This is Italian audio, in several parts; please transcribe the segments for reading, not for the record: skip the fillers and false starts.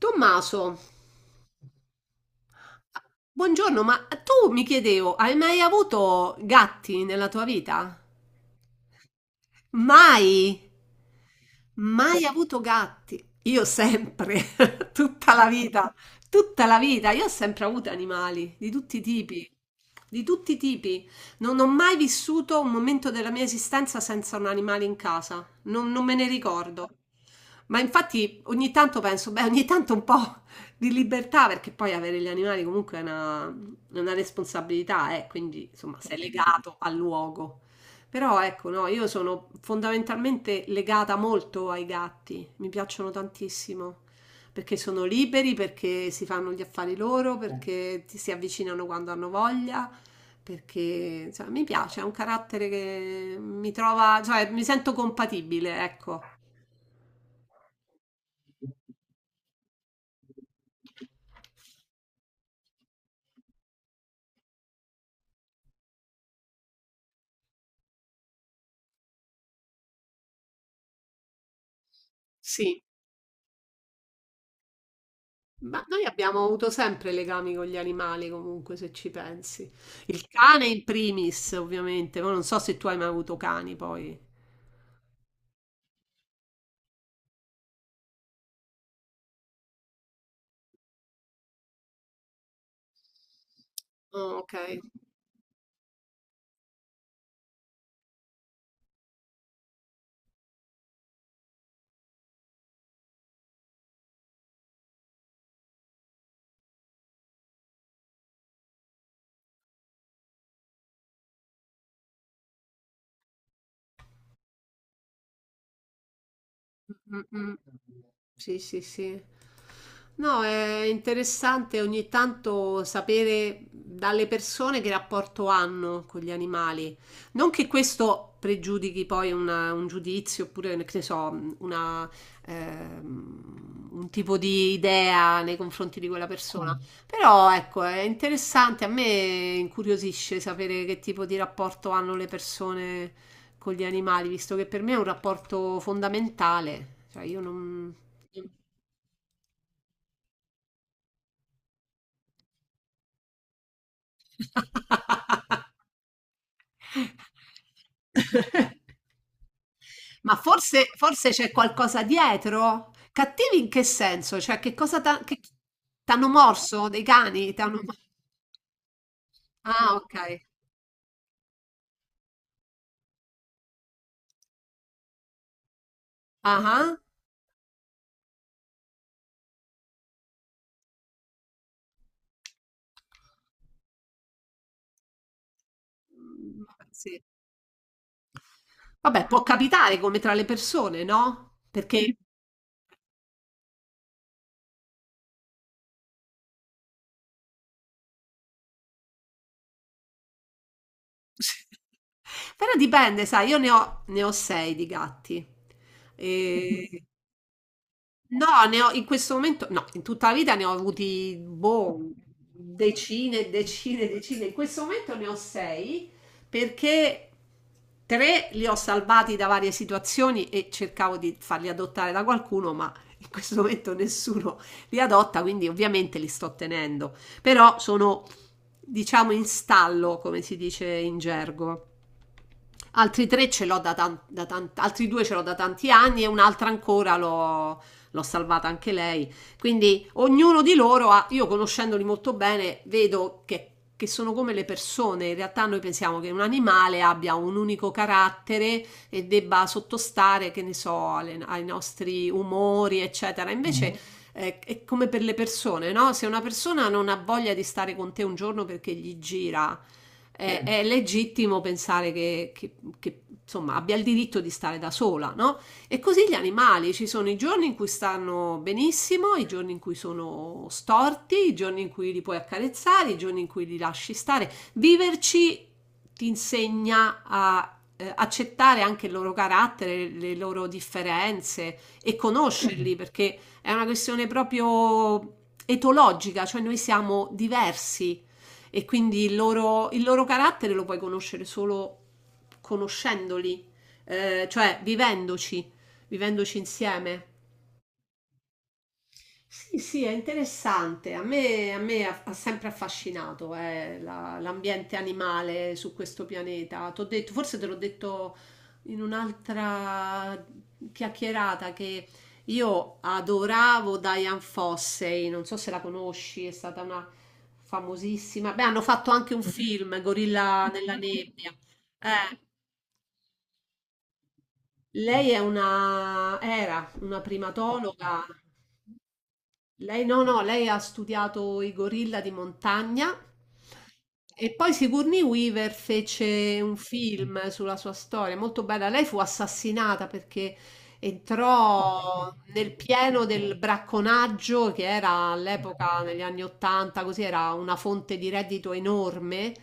Tommaso, buongiorno, ma tu mi chiedevo, hai mai avuto gatti nella tua vita? Mai? Mai avuto gatti? Io sempre, tutta la vita, tutta la vita. Io ho sempre avuto animali di tutti i tipi, di tutti i tipi. Non ho mai vissuto un momento della mia esistenza senza un animale in casa. Non me ne ricordo. Ma infatti ogni tanto penso, beh, ogni tanto un po' di libertà, perché poi avere gli animali comunque è una responsabilità, quindi insomma sei legato al luogo. Però ecco, no, io sono fondamentalmente legata molto ai gatti, mi piacciono tantissimo, perché sono liberi, perché si fanno gli affari loro, perché ti si avvicinano quando hanno voglia, perché insomma, mi piace, è un carattere che mi trova, cioè mi sento compatibile, ecco. Sì, ma noi abbiamo avuto sempre legami con gli animali, comunque, se ci pensi. Il cane in primis, ovviamente, ma non so se tu hai mai avuto cani poi. Oh, ok. Mm, mm. Mm. Sì, sì, sì. No, è interessante ogni tanto sapere dalle persone che rapporto hanno con gli animali. Non che questo pregiudichi poi un giudizio oppure, che ne so, un tipo di idea nei confronti di quella persona. Mm. Però ecco, è interessante, a me incuriosisce sapere che tipo di rapporto hanno le persone con gli animali, visto che per me è un rapporto fondamentale. Cioè, io non... Ma forse, forse c'è qualcosa dietro? Cattivi in che senso? Cioè, che cosa t'hanno morso dei cani? T'hanno... Ah, ok. Ah, ah. Mm, sì. Vabbè, può capitare come tra le persone, no? Perché... Però dipende, sai, io ne ho sei di gatti. E... No, ne ho in questo momento, no, in tutta la vita ne ho avuti, boh, decine, decine, decine. In questo momento ne ho sei perché tre li ho salvati da varie situazioni e cercavo di farli adottare da qualcuno, ma in questo momento nessuno li adotta, quindi ovviamente li sto tenendo. Però sono, diciamo, in stallo, come si dice in gergo. Altri tre ce l'ho altri due ce l'ho da tanti anni e un'altra ancora l'ho salvata anche lei. Quindi ognuno di loro ha, io conoscendoli molto bene, vedo che sono come le persone. In realtà noi pensiamo che un animale abbia un unico carattere e debba sottostare, che ne so, ai nostri umori, eccetera. Invece è come per le persone, no? Se una persona non ha voglia di stare con te un giorno perché gli gira è legittimo pensare che, insomma, abbia il diritto di stare da sola, no? E così gli animali, ci sono i giorni in cui stanno benissimo, i giorni in cui sono storti, i giorni in cui li puoi accarezzare, i giorni in cui li lasci stare. Viverci ti insegna a accettare anche il loro carattere, le loro differenze e conoscerli, perché è una questione proprio etologica, cioè noi siamo diversi e quindi il loro carattere lo puoi conoscere solo conoscendoli, cioè vivendoci insieme. Sì, sì, è interessante. A me ha sempre affascinato l'ambiente animale su questo pianeta. T'ho detto, forse te l'ho detto in un'altra chiacchierata che io adoravo Diane Fossey, non so se la conosci, è stata una famosissima. Beh, hanno fatto anche un film, Gorilla nella nebbia. Eh, Lei era una primatologa. Lei no, no, lei ha studiato i gorilla di montagna e poi Sigourney Weaver fece un film sulla sua storia, molto bella. Lei fu assassinata perché entrò nel pieno del bracconaggio che era all'epoca, negli anni Ottanta, così era una fonte di reddito enorme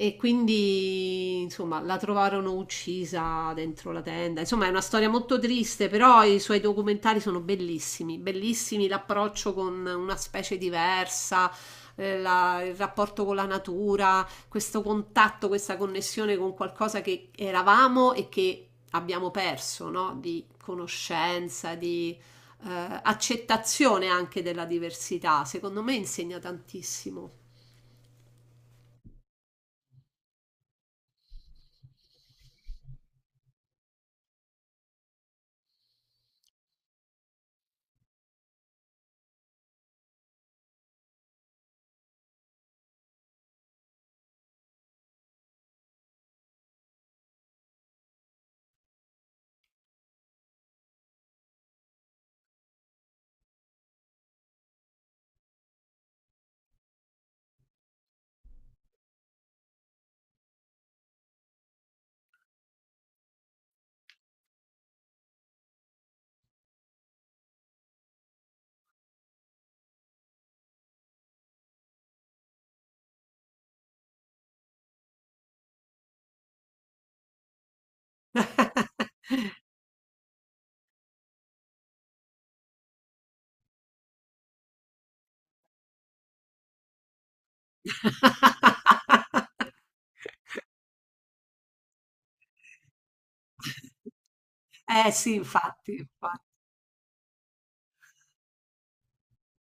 e quindi, insomma, la trovarono uccisa dentro la tenda. Insomma, è una storia molto triste, però i suoi documentari sono bellissimi, bellissimi l'approccio con una specie diversa, il rapporto con la natura, questo contatto, questa connessione con qualcosa che eravamo e che abbiamo perso, no? Di conoscenza, di accettazione anche della diversità. Secondo me insegna tantissimo. Eh sì, infatti, infa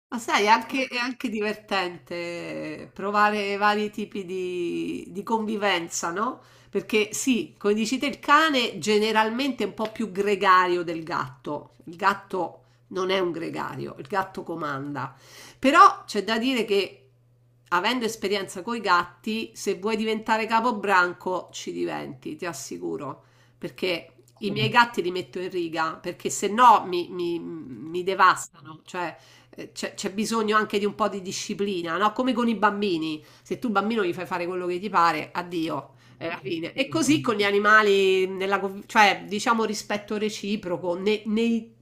Ma sai, è anche divertente provare vari tipi di convivenza, no? Perché sì, come dici te, il cane generalmente è un po' più gregario del gatto. Il gatto non è un gregario, il gatto comanda. Però c'è da dire che avendo esperienza coi gatti, se vuoi diventare capobranco ci diventi, ti assicuro. Perché i miei gatti li metto in riga, perché se no mi devastano. Cioè, c'è bisogno anche di un po' di disciplina, no? Come con i bambini, se tu bambino gli fai fare quello che ti pare, addio, è la fine. E così con gli animali, cioè diciamo rispetto reciproco, nei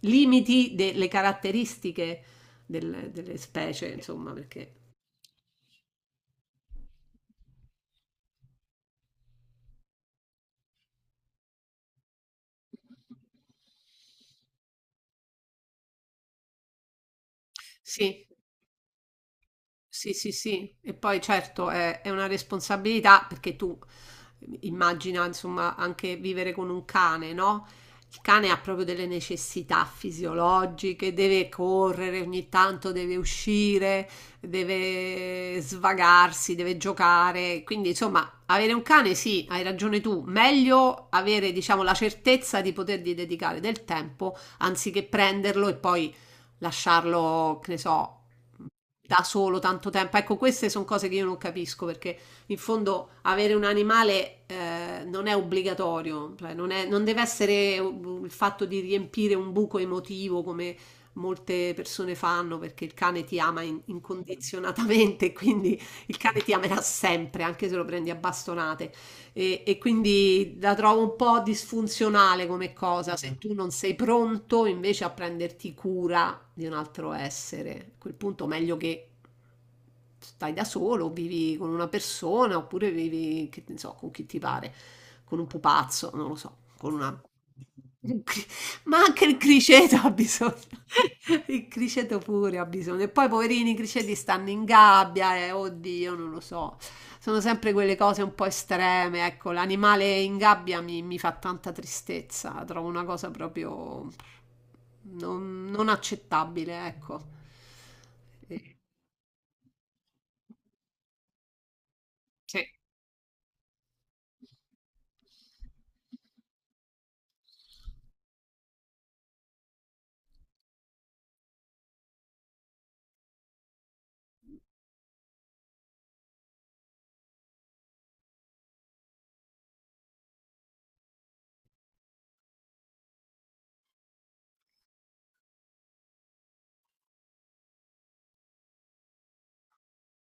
limiti delle caratteristiche delle specie, insomma, perché sì. Sì, sì, sì, e poi certo è una responsabilità perché tu immagina insomma anche vivere con un cane, no? Il cane ha proprio delle necessità fisiologiche, deve correre ogni tanto, deve uscire, deve svagarsi, deve giocare. Quindi insomma avere un cane sì, hai ragione tu, meglio avere diciamo la certezza di potergli dedicare del tempo anziché prenderlo e poi lasciarlo, che ne so da solo tanto tempo. Ecco, queste sono cose che io non capisco perché in fondo avere un animale non è obbligatorio, cioè non deve essere il fatto di riempire un buco emotivo come molte persone fanno perché il cane ti ama incondizionatamente, quindi il cane ti amerà sempre, anche se lo prendi a bastonate. E quindi la trovo un po' disfunzionale come cosa, se tu non sei pronto invece a prenderti cura di un altro essere. A quel punto meglio che stai da solo, vivi con una persona, oppure vivi, che ne so, con chi ti pare, con un pupazzo, non lo so, con una... un cri- ma anche il criceto ha bisogno, il criceto pure ha bisogno. E poi, poverini, i criceti stanno in gabbia, oddio, non lo so. Sono sempre quelle cose un po' estreme, ecco, l'animale in gabbia mi fa tanta tristezza, la trovo una cosa proprio non accettabile, ecco. Eh, sì.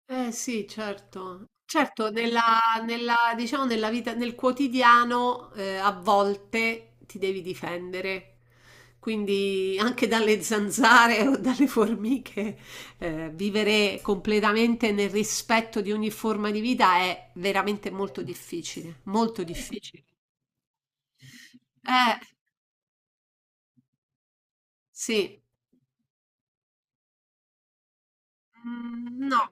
Eh sì, certo. Certo, diciamo, nella vita, nel quotidiano, a volte ti devi difendere. Quindi anche dalle zanzare o dalle formiche, vivere completamente nel rispetto di ogni forma di vita è veramente molto difficile, molto difficile. Eh, sì, mm, no.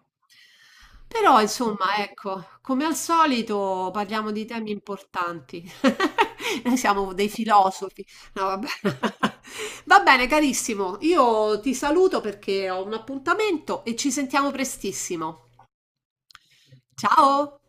Però, insomma, ecco, come al solito parliamo di temi importanti. Noi siamo dei filosofi. No, vabbè. Va bene, carissimo. Io ti saluto perché ho un appuntamento e ci sentiamo prestissimo. Ciao!